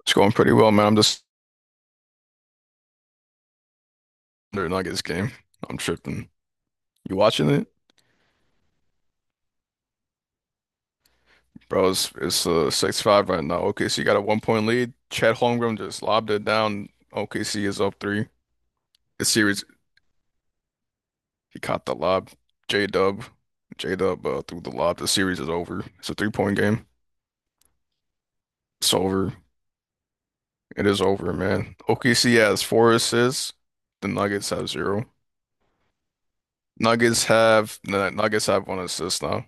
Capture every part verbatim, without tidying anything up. It's going pretty well, man. I'm just under Nuggets game. I'm tripping. You watching it? Bro, it's it's uh six five right now. O K C got a one point lead. Chet Holmgren just lobbed it down. O K C is up three. The series He caught the lob. J Dub. J Dub uh, threw the lob. The series is over. It's a three point game. It's over. It is over, man. O K C has four assists. The Nuggets have zero. Nuggets have the Nuggets have one assist now.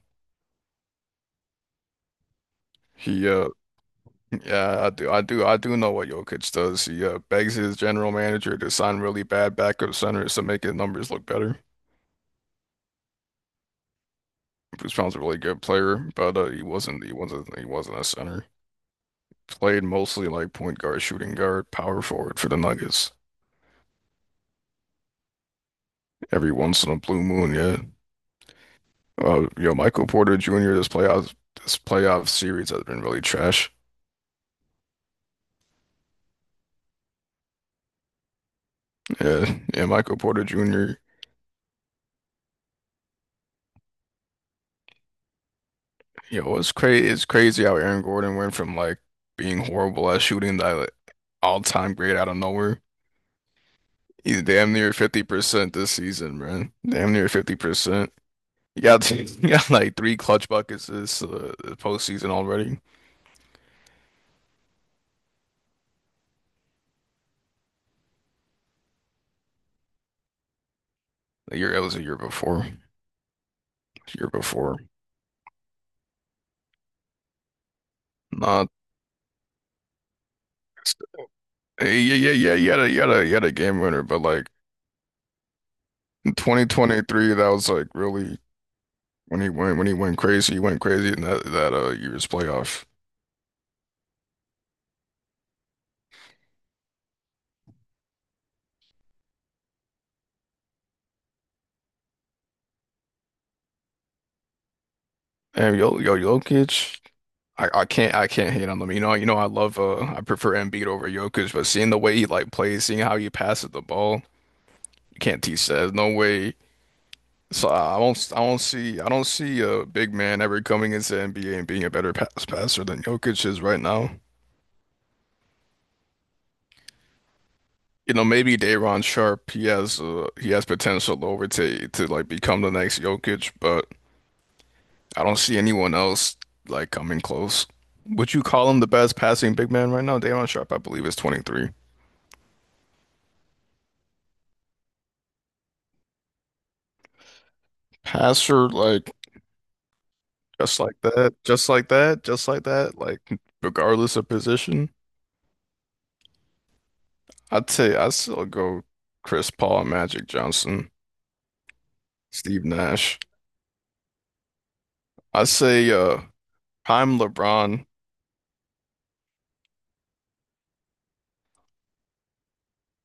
He uh Yeah, I do. I do. I do know what Jokic does. He uh, begs his general manager to sign really bad backup centers to make his numbers look better. Bruce Brown's a really good player, but uh, he wasn't. He wasn't. he wasn't a center. Played mostly like point guard, shooting guard, power forward for the Nuggets. Every once in a blue moon, yeah. Uh, yo, Michael Porter Junior This playoffs, this playoff series has been really trash. Yeah, yeah. Michael Porter Junior You know, it's crazy. It's crazy how Aaron Gordon went from like being horrible at shooting that all-time great out of nowhere. He's damn near fifty percent this season, man. Damn near fifty percent. You got, you got like three clutch buckets this uh, postseason already. The year it was a year before. Year before. Not hey, yeah, yeah, yeah. You had a, you had a, you had a game winner, but like in twenty twenty-three, that was like really when he went when he went crazy. He went crazy in that that uh year's playoff. Damn, yo, yo, Jokic. I, I can't I can't hate on them. You know, you know I love uh I prefer Embiid over Jokic, but seeing the way he like plays, seeing how he passes the ball, you can't teach that. There's no way. So I don't I don't see I don't see a big man ever coming into N B A and being a better pass passer than Jokic is right now. You know, maybe Daron Sharp, he has uh, he has potential over to to like become the next Jokic, but I don't see anyone else like coming close. Would you call him the best passing big man right now? Daron Sharp, I believe, is twenty-three. Passer, like just like that, just like that, just like that, like regardless of position, I'd say I'd still go Chris Paul, Magic Johnson, Steve Nash. I'd say uh prime LeBron.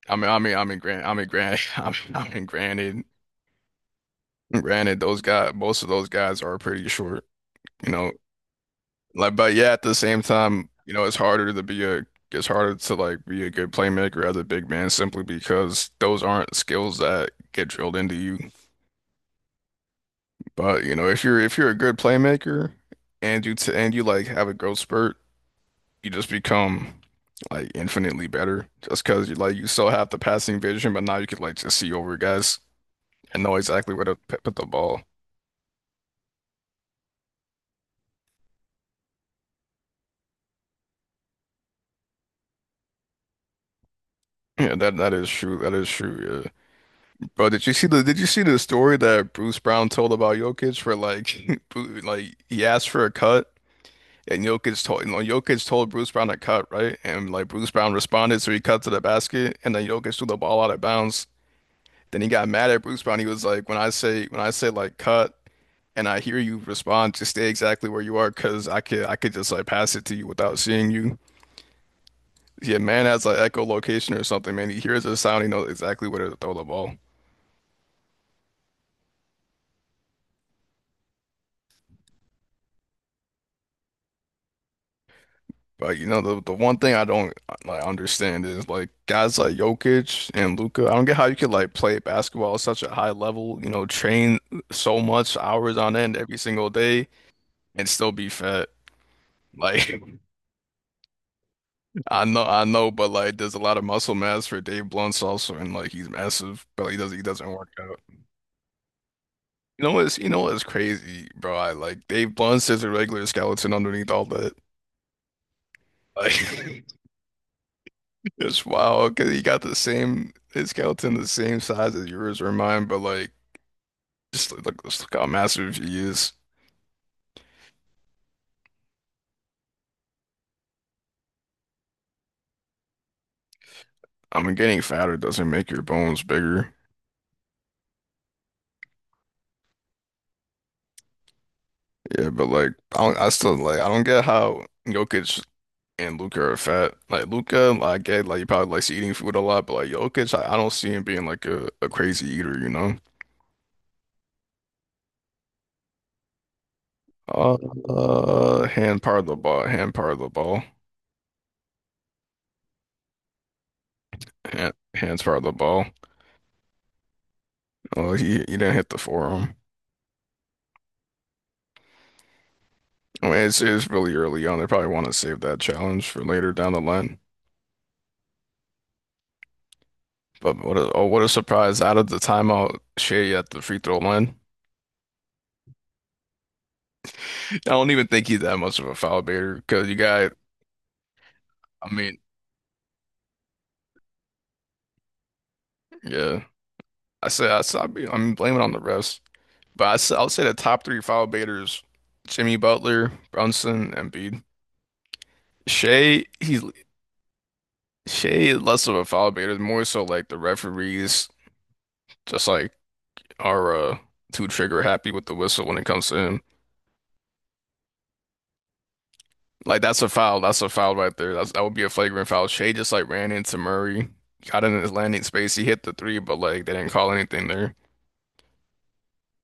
I mean, I mean, I mean, grant, I mean, grant, I mean, I mean, granted, granted, those guys, most of those guys are pretty short, you know. Like, but yeah, at the same time, you know, it's harder to be a, it's harder to like be a good playmaker as a big man simply because those aren't skills that get drilled into you. But you know, if you're if you're a good playmaker and you t and you like have a growth spurt, you just become like infinitely better just because you like you still have the passing vision, but now you could like just see over guys and know exactly where to p- put the ball. Yeah, that that is true. That is true. Yeah, bro. Did you see the Did you see the story that Bruce Brown told about Jokic for like, Bru- like he asked for a cut and Jokic told you know Jokic told Bruce Brown to cut right and like Bruce Brown responded so he cut to the basket and then Jokic threw the ball out of bounds. Then he got mad at Bruce Brown. He was like, when I say when I say like cut and I hear you respond, just stay exactly where you are because I could I could just like pass it to you without seeing you. Yeah, man has like echolocation or something, man. He hears the sound, he knows exactly where to throw the ball. But you know the the one thing I don't like understand is like guys like Jokic and Luca. I don't get how you could like play basketball at such a high level, you know, train so much hours on end every single day and still be fat. Like I know, I know, but like, there's a lot of muscle mass for Dave Blunt's also, and like, he's massive, but he doesn't, he doesn't work out. You know what's, you know what's crazy, bro? I like Dave Blunt's just a regular skeleton underneath all that. Like, it's wild because he got the same his skeleton, the same size as yours or mine, but like, just like, look, just look how massive he is. I mean, getting fatter doesn't make your bones bigger, yeah, but like, I don't, I still like, I don't get how Jokic and Luka are fat. Like Luka, like, I get like he probably likes eating food a lot, but like Jokic, I, I don't see him being like a, a crazy eater, you know? Uh, uh, hand part of the ball, hand part of the ball, hand, hands part of the ball. Oh, he he didn't hit the forearm. I mean, it's it's really early on. They probably want to save that challenge for later down the line. But what a oh, what a surprise out of the timeout, Shea at the free throw line. I don't even think he's that much of a foul baiter because you got. I mean, yeah, I said I said I'd be, I'm blaming on the refs. But I s- I'll say the top three foul baiters: Jimmy Butler, Brunson, Embiid. Shea, he's Shea is less of a foul baiter, more so like the referees just like are uh, too trigger happy with the whistle when it comes to him. Like that's a foul. That's a foul right there. That's, that would be a flagrant foul. Shea just like ran into Murray, got in his landing space. He hit the three, but like they didn't call anything there.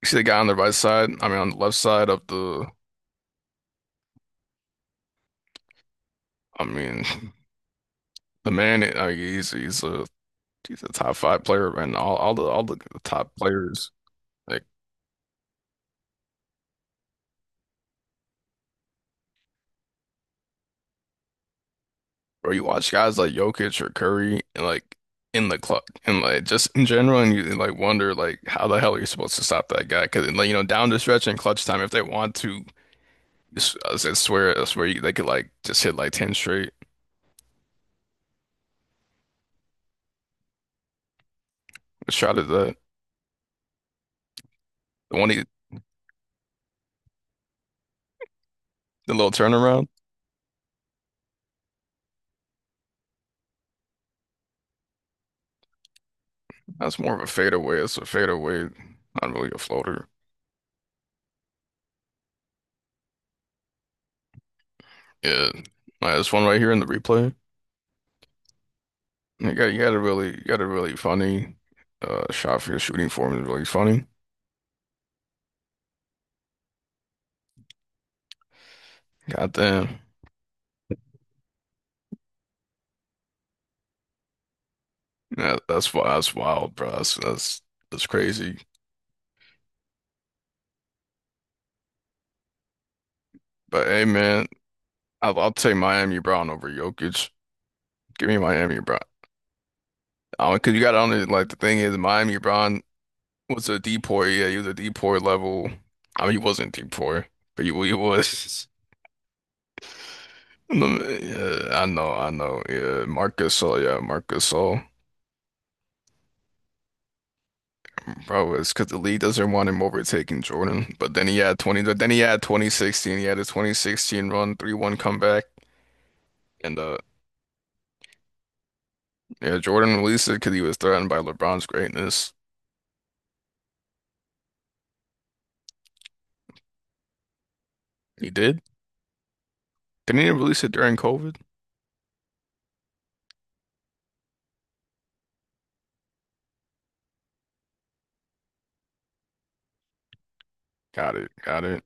You see the guy on the right side. I mean, on the left side of the. I mean, the man. I mean, he's he's a He's a top five player, and All all the all the top players, like, or you watch guys like Jokic or Curry, and like in the club, and like just in general, and you like wonder like how the hell are you supposed to stop that guy? Because like you know, down the stretch and clutch time, if they want to, just, I said, swear, I swear, you, they could like just hit like ten straight. The shot at the the one he The little turnaround, that's more of a fadeaway. It's a fadeaway, not really a floater. Yeah, like, this one right here in the replay. You got you got a really you got a really funny uh shot for your shooting form is really funny. Goddamn. Yeah, that's wild that's wild, bro. That's that's that's crazy. But hey man, I'll I'll take Miami Brown over Jokic. Give me Miami Brown. Uh, 'cause you got on it like the thing is Miami Brown was a deport, yeah, he was a deport level. I mean he wasn't deport, but he, he was yeah, I know, I know. Yeah, Marcus Gasol, yeah, Marcus Gasol. Bro, it's because the league doesn't want him overtaking Jordan. But then he had twenty, but then he had twenty sixteen. He had a twenty sixteen run, three one comeback. And uh, Yeah, Jordan released it because he was threatened by LeBron's greatness. He did? Didn't he release it during COVID? Got it, got it.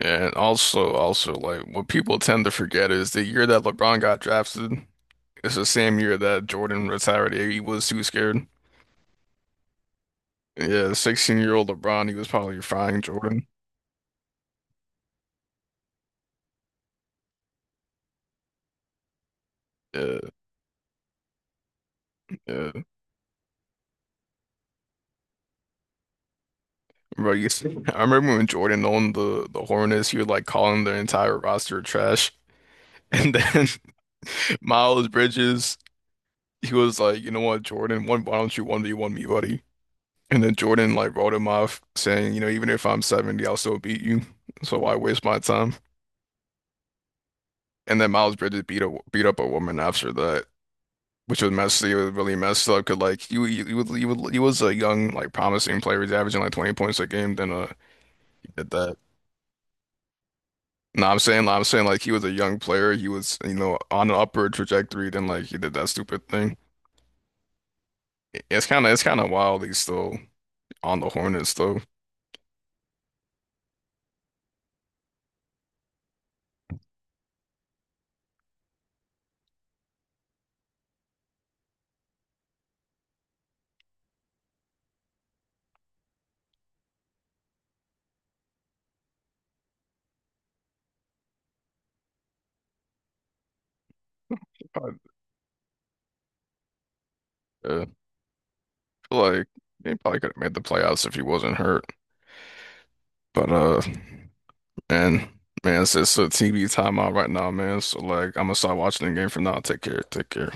Yeah, and also, also, like, what people tend to forget is the year that LeBron got drafted, it's the same year that Jordan retired. He was too scared. Yeah, sixteen-year-old LeBron, he was probably frying Jordan. Yeah, yeah. Bro, you see, I remember when Jordan owned the the Hornets, he was like calling their entire roster trash. And then Miles Bridges, he was like, you know what, Jordan, one, why don't you one v one me, buddy? And then Jordan like wrote him off saying, you know, even if I'm seventy, I'll still beat you. So why waste my time? And then Miles Bridges beat a, beat up a woman after that, which was messy. It was really messed up because like you you you was- he was he was a young, like promising player. He's averaging like twenty points a game. Then uh, he did that. No, I'm saying, I'm saying, like he was a young player. He was, you know, on an upward trajectory. Then, like he did that stupid thing. It- It's kind of, it's kind of wild. He's still on the Hornets, though. But, uh, I feel like he probably could have made the playoffs if he wasn't hurt. But, uh, man, man, it's, it's a T V timeout right now, man. So, like, I'm gonna start watching the game from now. Take care, take care.